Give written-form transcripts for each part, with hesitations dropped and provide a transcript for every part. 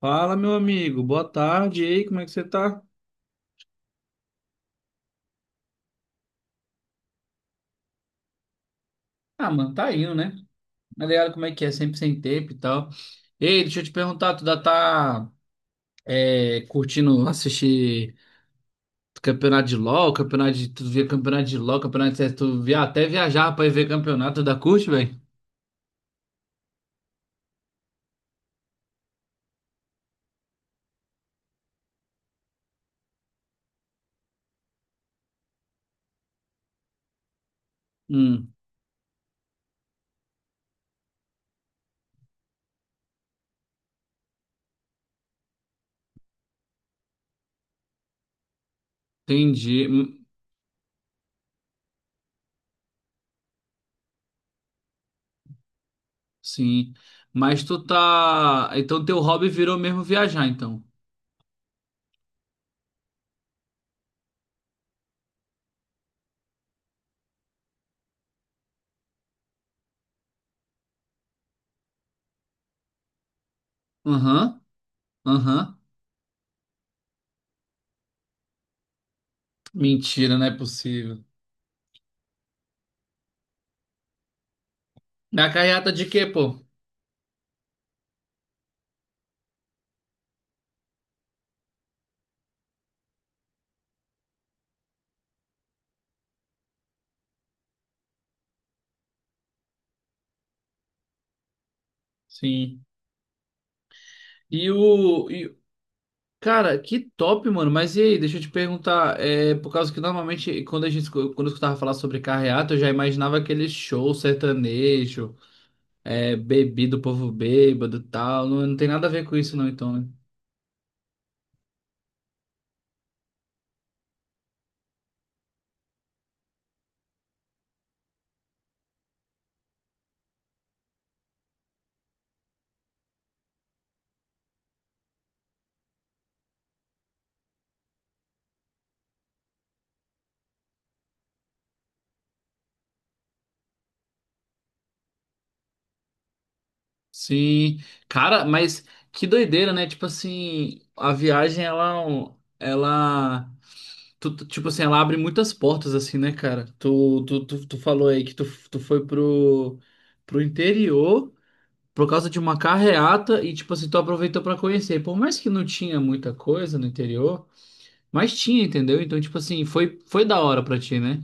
Fala, meu amigo. Boa tarde. E aí, como é que você tá? Ah, mano, tá indo, né? Tá ligado como é que é, sempre sem tempo e tal. Ei, deixa eu te perguntar, tu já tá curtindo assistir campeonato de LoL, campeonato de... Tu via campeonato de LoL, campeonato de... CS, tu via até viajar pra ir ver campeonato da curte, velho? Hum, entendi. Sim. Mas tu tá... Então teu hobby virou mesmo viajar, então. Aham, aham. Mentira, não é possível. Na carreata de quê, pô? Sim. E o. e- Cara, que top, mano. Mas e aí, deixa eu te perguntar. É, por causa que normalmente, quando quando eu escutava falar sobre carreata, eu já imaginava aquele show sertanejo, bebido, povo bêbado e tal. Não, não tem nada a ver com isso, não, então, né? Sim. Cara, mas que doideira, né? Tipo assim, a viagem, ela. É um- Ela. Tu- tu- tipo assim, ela abre muitas portas, assim, né, cara? Tu falou aí que tu foi pro interior. Por causa de uma carreata e, tipo assim, tu aproveitou pra conhecer. Por mais que não tinha muita coisa no interior, mas tinha, entendeu? Então, tipo assim, foi da hora pra ti, né?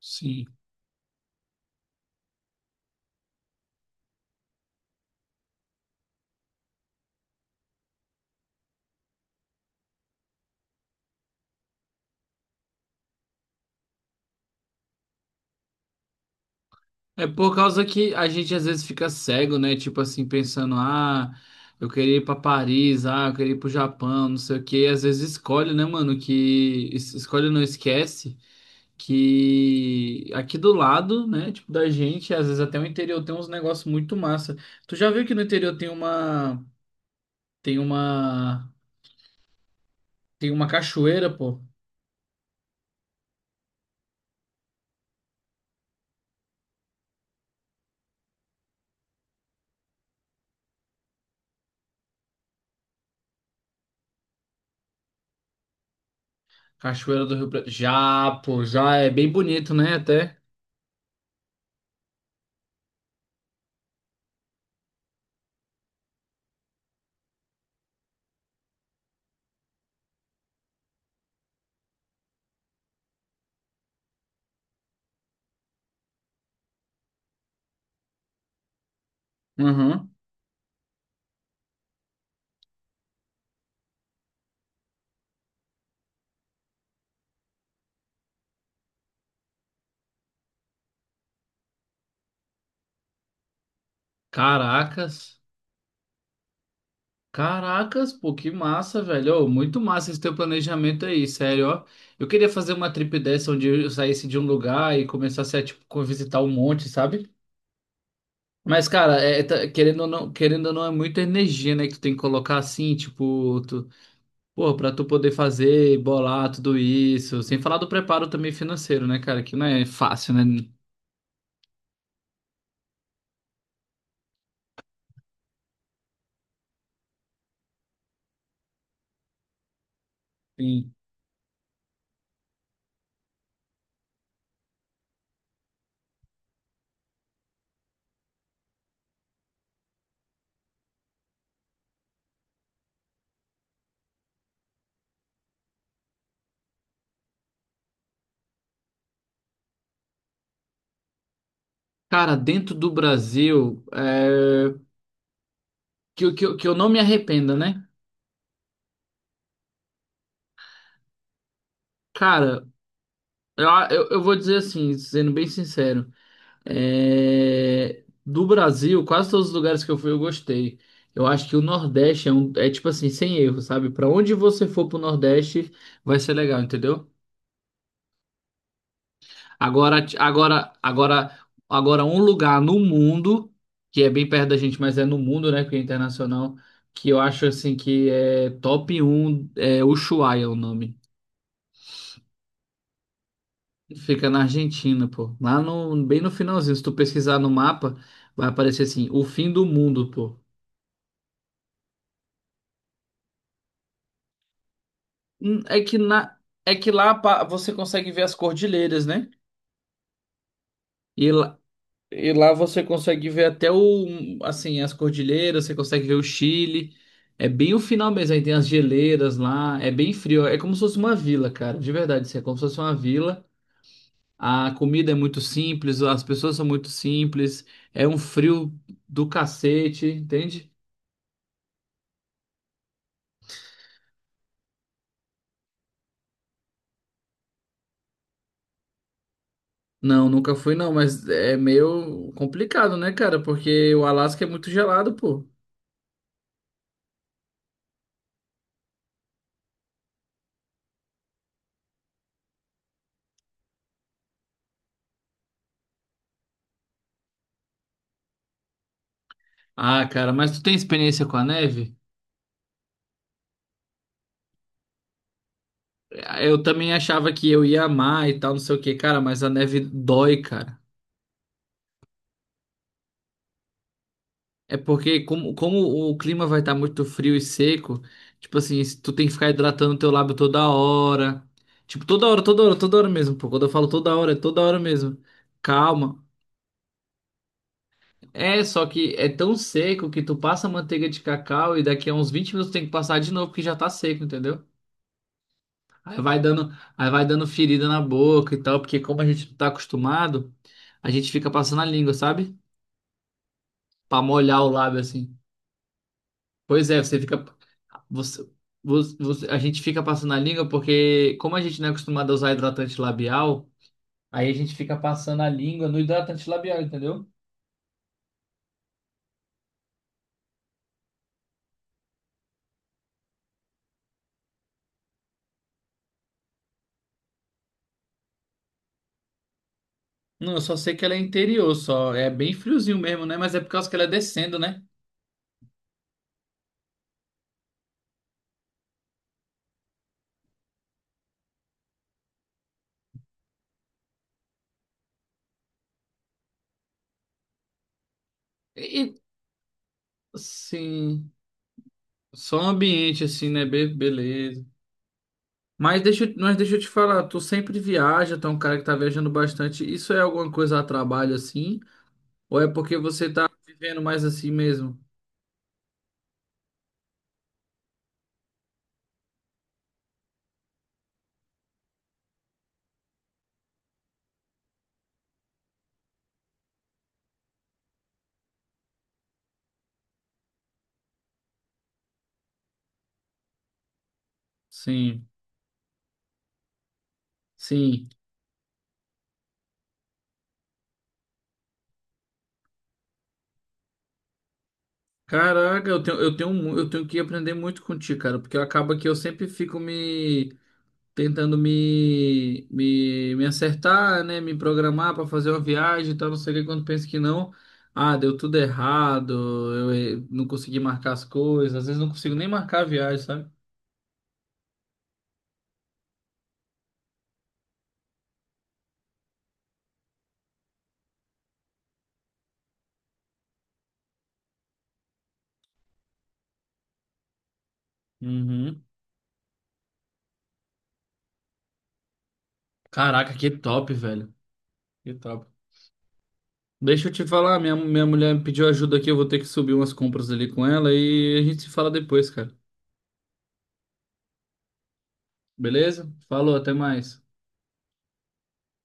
Sim. É por causa que a gente às vezes fica cego, né? Tipo assim, pensando, ah, eu queria ir pra Paris, ah, eu queria ir pro Japão, não sei o quê. E às vezes escolhe, né, mano, escolhe não esquece que aqui do lado, né, tipo da gente, às vezes até o interior tem uns negócios muito massa. Tu já viu que no interior Tem uma. tem uma cachoeira, pô. Cachoeira do Rio Preto. Já, pô, já é bem bonito, né? Até. Uhum. Caracas. Caracas, pô, que massa, velho. Ô, muito massa esse teu planejamento aí, sério, ó. Eu queria fazer uma trip dessa onde eu saísse de um lugar e começasse a, tipo, visitar um monte, sabe? Mas, cara, querendo ou não, é muita energia, né? Que tu tem que colocar assim, tipo, tu, pô, pra tu poder fazer, e bolar tudo isso, sem falar do preparo também financeiro, né, cara, que não é fácil, né? Sim. Cara, dentro do Brasil, é... que eu não me arrependa, né? Cara, eu vou dizer assim, sendo bem sincero, é... do Brasil, quase todos os lugares que eu fui eu gostei. Eu acho que o Nordeste é tipo assim, sem erro, sabe? Pra onde você for pro Nordeste, vai ser legal, entendeu? Agora, agora, agora, agora um lugar no mundo, que é bem perto da gente, mas é no mundo, né, porque é internacional, que eu acho assim que é top um é Ushuaia é o nome. Fica na Argentina, pô. Lá no, bem no finalzinho, se tu pesquisar no mapa, vai aparecer assim, o fim do mundo, pô. Hum, É que na, é que lá você consegue ver as cordilheiras, né? E lá, e lá você consegue ver até o, assim, as cordilheiras, você consegue ver o Chile. É bem o final mesmo, aí tem as geleiras lá, é bem frio, é como se fosse uma vila, cara, de verdade, assim, é como se fosse uma vila. A comida é muito simples, as pessoas são muito simples, é um frio do cacete, entende? Não, nunca fui não, mas é meio complicado, né, cara? Porque o Alasca é muito gelado, pô. Ah, cara, mas tu tem experiência com a neve? Eu também achava que eu ia amar e tal, não sei o que, cara, mas a neve dói, cara. É porque como o clima vai estar muito frio e seco, tipo assim, se tu tem que ficar hidratando teu lábio toda hora. Tipo, toda hora, toda hora, toda hora mesmo, pô. Quando eu falo toda hora, é toda hora mesmo. Calma. É, só que é tão seco que tu passa manteiga de cacau e daqui a uns 20 minutos tem que passar de novo porque já tá seco, entendeu? Aí vai dando, aí vai dando ferida na boca e tal, porque como a gente não tá acostumado, a gente fica passando a língua, sabe? Pra molhar o lábio assim. Pois é, você fica. Você, a gente fica passando a língua porque, como a gente não é acostumado a usar hidratante labial, aí a gente fica passando a língua no hidratante labial, entendeu? Não, eu só sei que ela é interior, só. É bem friozinho mesmo, né? Mas é por causa que ela é descendo, né? E, sim. Só um ambiente assim, né? Beleza. Mas deixa eu te falar, tu sempre viaja, tu é um cara que tá viajando bastante. Isso é alguma coisa a trabalho assim? Ou é porque você tá vivendo mais assim mesmo? Sim, sim. Caraca, eu tenho que aprender muito contigo, cara, porque acaba que eu sempre fico me tentando me acertar, né? Me programar para fazer uma viagem e tal, não sei o que, quando penso que não. Ah, deu tudo errado, eu não consegui marcar as coisas, às vezes não consigo nem marcar a viagem, sabe? Uhum. Caraca, que top, velho. Que top. Deixa eu te falar, minha mulher me pediu ajuda aqui, eu vou ter que subir umas compras ali com ela e a gente se fala depois, cara. Beleza? Falou, até mais.